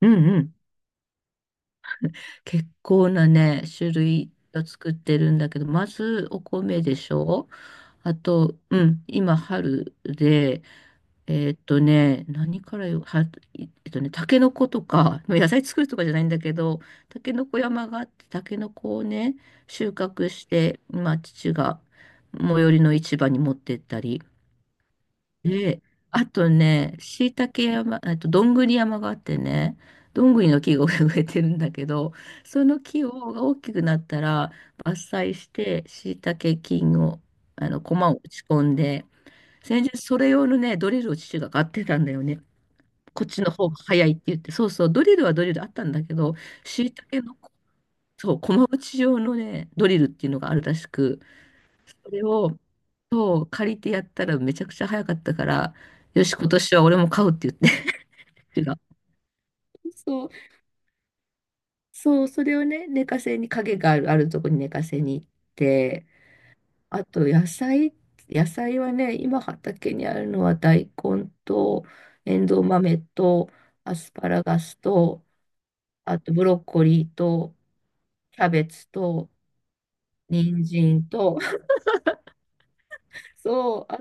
うんうん。結構なね、種類を作ってるんだけど、まずお米でしょ。あと、うん、今春で、何からよ、は、タケノコとか、まあ野菜作るとかじゃないんだけど、タケノコ山があって、タケノコをね、収穫して、まあ父が最寄りの市場に持ってったり、で、あとね、椎茸山、どんぐり山があってね、どんぐりの木が植えてるんだけど、その木をが大きくなったら伐採して椎茸菌を、駒を打ち込んで、先日それ用のね、ドリルを父が買ってたんだよね。こっちの方が早いって言って、そうそう、ドリルはドリルあったんだけど、椎茸の、そう、駒打ち用のね、ドリルっていうのがあるらしく、それを、そう、借りてやったらめちゃくちゃ早かったから、よし、今年は俺も買うって言って、父が。そう、そう、それをね、寝かせに、影がある、あるとこに寝かせに行って、あと野菜、野菜はね、今畑にあるのは大根と、エンドウ豆と、アスパラガスと、あとブロッコリーと、キャベツと、人参と、そう、あ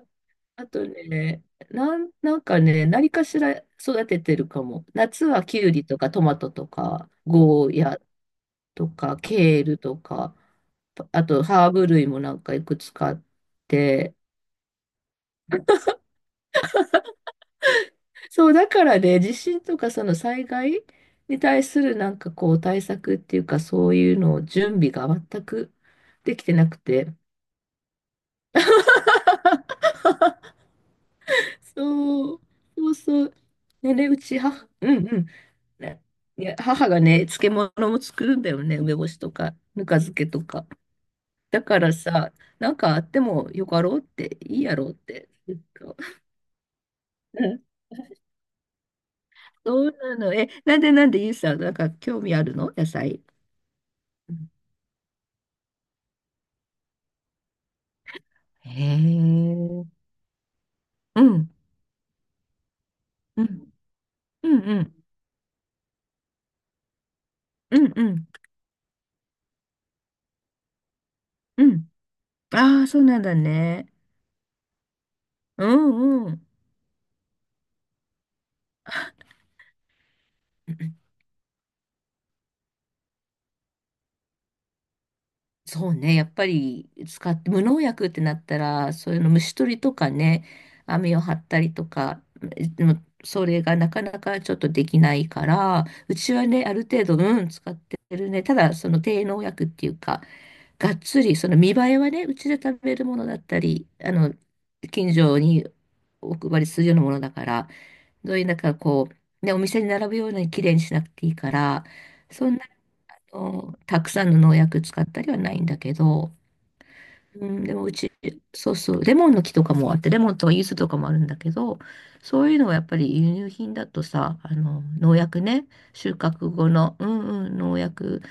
あとね、なんかね、何かしら育ててるかも。夏はキュウリとかトマトとか、ゴーヤとか、ケールとか、あとハーブ類もなんかいくつかあって。そう、だからね、地震とかその災害に対するなんかこう対策っていうか、そういうのを準備が全くできてなくて。そう、そうそう。ね、で、うち、は、うんうん。ね、いや、母がね、漬物も作るんだよね、梅干しとか、ぬか漬けとか。だからさ、なんかあってもよかろうって、いいやろうって、ずっと。うん、そうなの。え、なんでなんで、ゆうさん、なんか興味あるの野菜。うん、へえ。うん、うん、うん、うん、うん、うん。うん、ああ、そうなんだね。うん、うん。そうね、やっぱり使って、無農薬ってなったら、そういうの虫取りとかね、網を張ったりとか、でもそれがなかなかちょっとできないから、うちはね、ある程度、うん、使ってるね。ただ、その低農薬っていうか、がっつり、その見栄えはね、うちで食べるものだったり、近所にお配りするようなものだから、そういうなんかこう、ね、お店に並ぶように綺麗にしなくていいから、そんのたくさんの農薬使ったりはないんだけど、うん、でもうち、そうそう、レモンの木とかもあって、レモンとか柚子とかもあるんだけど、そういうのはやっぱり輸入品だとさ、農薬ね、収穫後の、うんうん、農薬、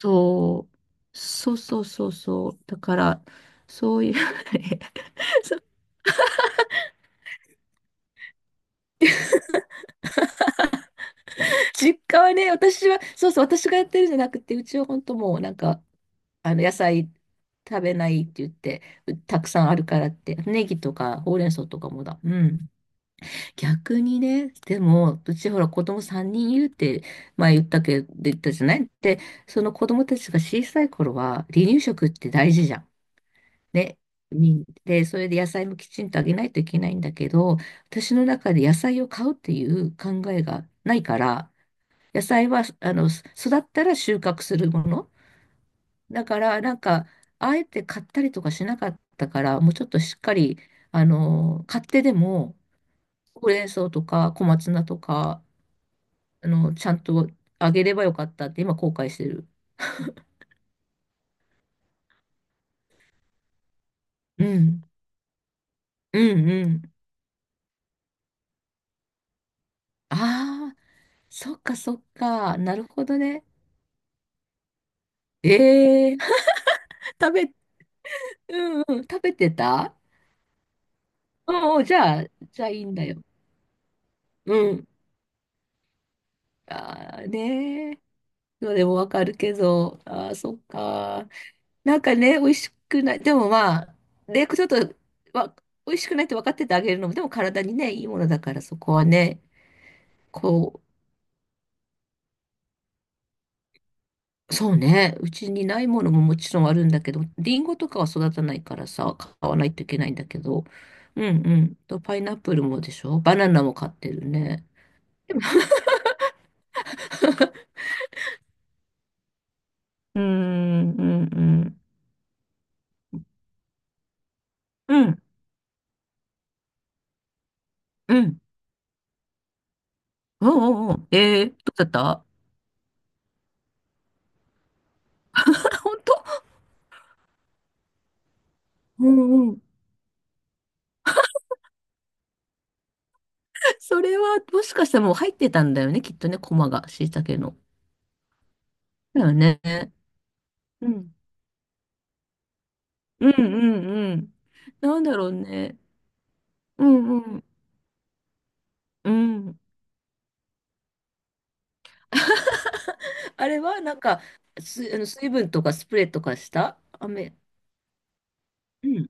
そう、そうそうそうそう、だから、そういう 実家はね、私は、そうそう、私がやってるんじゃなくて、うちは本当もうなんか、あの野菜食べないって言って、うたくさんあるからって、ネギとかほうれん草とかもだ。うん。逆にね、でも、うちほら子供3人いるって前言ったけど、言ったじゃないで、その子供たちが小さい頃は離乳食って大事じゃん。ね。みんで、それで野菜もきちんとあげないといけないんだけど、私の中で野菜を買うっていう考えがないから、野菜は、育ったら収穫するもの。だから、なんか、あえて買ったりとかしなかったから、もうちょっとしっかり、買ってでも、ほうれん草とか小松菜とか、ちゃんとあげればよかったって今後悔してる。うん。うんうん。ああ、そっかそっか。なるほどね。ええ 食べ、うんうん、食べてた。うんうん、じゃあ、じゃあいいんだよ。うん。ああ、ねえ。でもわかるけど、ああ、そっか。なんかね、美味しくない。でもまあ、ね、ちょっと、わ、美味しくないって分かっててあげるのも、でも体にね、いいものだから、そこはね、こう、そうね、うちにないものももちろんあるんだけど、リンゴとかは育たないからさ、買わないといけないんだけど、うんうん。と、パイナップルもでしょ、バナナも買ってるね。でも、うーん、うん、うん。うん、うん。おうおうおう。えー、どうだった。 本当。うん、それは、もしかしたらもう入ってたんだよね、きっとね、コマが、しいたけの。だよね。うん。うんうんうん。なんだろうね。うんうん。うん。あれは、なんか、す、水分とかスプレーとかした雨。うん。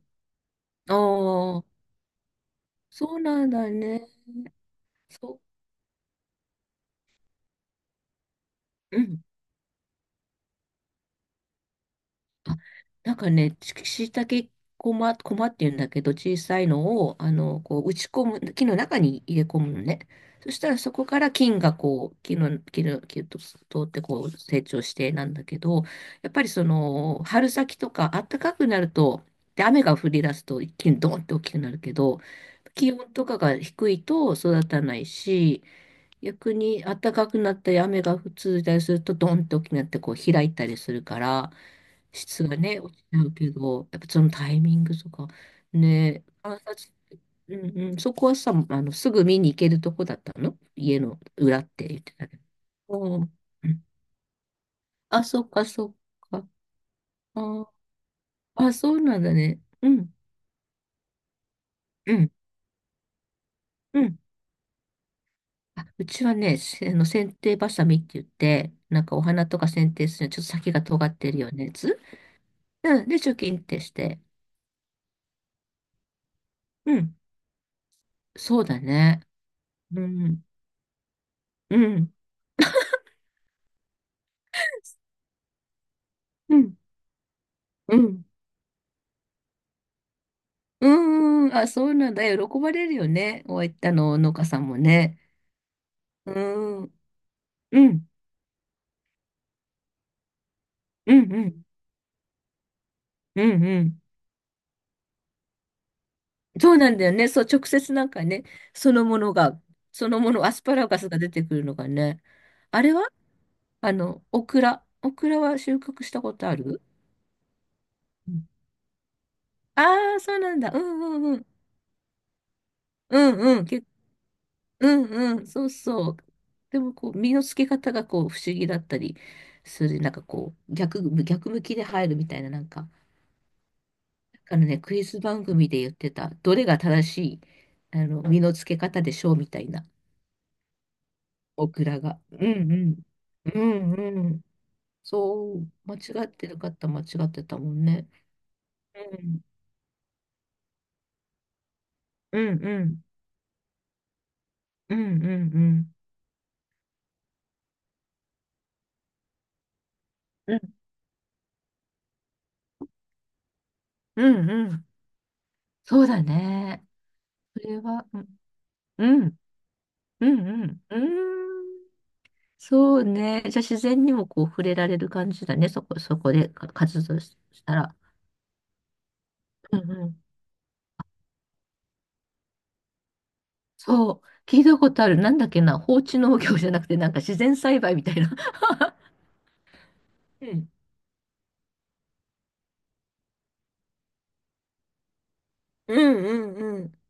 ああ、そうなんだね。そう。うん、あ、なんかね、ししいたけこまっていうんだけど、小さいのを、こう、打ち込む、木の中に入れ込むのね。そしたらそこから菌がこう、木と通ってこう、成長してなんだけど、やっぱりその、春先とか暖かくなると、で、雨が降り出すと一気にドーンって大きくなるけど、気温とかが低いと育たないし、逆に暖かくなったり雨が続いたりするとドーンって大きくなってこう開いたりするから、質がね、落ちちゃうけど、やっぱそのタイミングとか、ね、観察、うんうん、そこはさ、すぐ見に行けるとこだったの家の裏って言ってたけど。おー、うん、あ、そっかそっか。あー、あ、そうなんだね。うん、うん、うん。あ、うちはね、せ剪定バサミって言って、なんかお花とか剪定するのにちょっと先が尖ってるようなやつ。うん、で、チョキンってして。うん、そうだね。うん、うん、うん、うん。うんん、あ、そうなんだ。喜ばれるよね。おい、農家さんもね。うーん、うん、うん、うん、うん、うん。そうなんだよね。そう、直接なんかね、そのものが、そのもの、アスパラガスが出てくるのがね。あれは、オクラ。オクラは収穫したことある。ああー、そうなんだ。うんうんうん。うんうん。け、うんうん。そうそう。でも、こう、身の付け方がこう、不思議だったりする。なんかこう、逆向きで入るみたいな、なんか。あのね、クイズ番組で言ってた、どれが正しい、身の付け方でしょうみたいな、オクラが。うんうん。うんうん。そう、間違ってたもんね。うん、うんうんうんうんうんうんうんうん、そうだね。それは、うんうんうんうんうん、そうね。じゃあ自然にもこう触れられる感じだね。そこでか活動したら。うん、そう、聞いたことある。なんだっけな、放置農業じゃなくて、なんか自然栽培みたいな。うん。うんうんうん。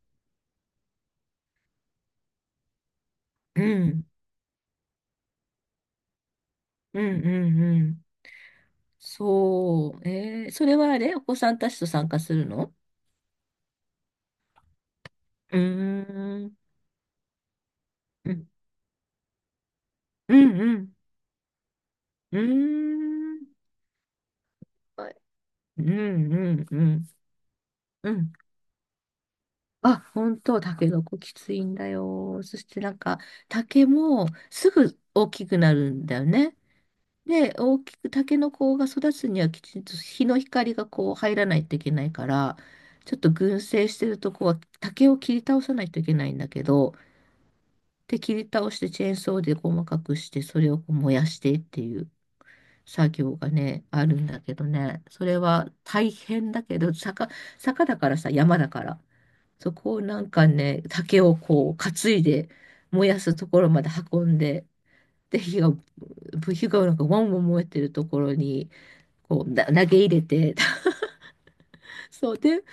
うん、うん、うん、うん。そう。えー、それはあれお子さんたちと参加するの。うーん、うん、うん、うん、うーん、はい、うん、うん、うん。うん、あ、本当、タケノコきついんだよ。そしてなんか、竹もすぐ大きくなるんだよね。で、大きく、タケノコが育つにはきちんと日の光がこう入らないといけないから、ちょっと群生してるとこは竹を切り倒さないといけないんだけど、で、切り倒してチェーンソーで細かくして、それをこう燃やしてっていう作業がね、あるんだけどね、それは大変だけど、坂だからさ、山だから、そこをなんかね、竹をこう担いで燃やすところまで運んで、で、火がなんかワンワン燃えてるところに、こう、だ投げ入れて、そうで、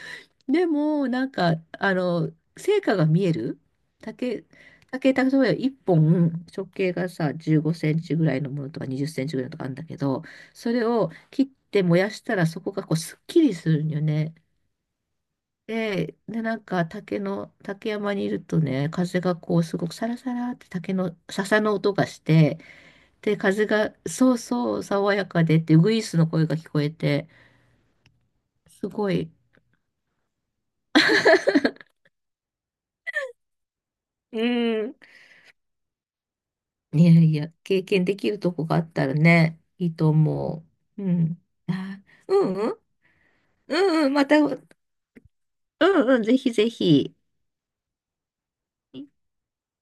でも、なんか、成果が見える竹、竹、例えば1本、直径がさ、15センチぐらいのものとか20センチぐらいのとかあるんだけど、それを切って燃やしたら、そこがこう、すっきりするんよね。で、で、なんか竹山にいるとね、風がこうすごくサラサラって竹の笹の音がして、で、風がそうそう爽やかでってウグイスの声が聞こえて、すごい、うん。いやいや、経験できるとこがあったらね、いいと思う。うん。あ、うんうん。うんうん。また、うんうん。ぜひぜひ。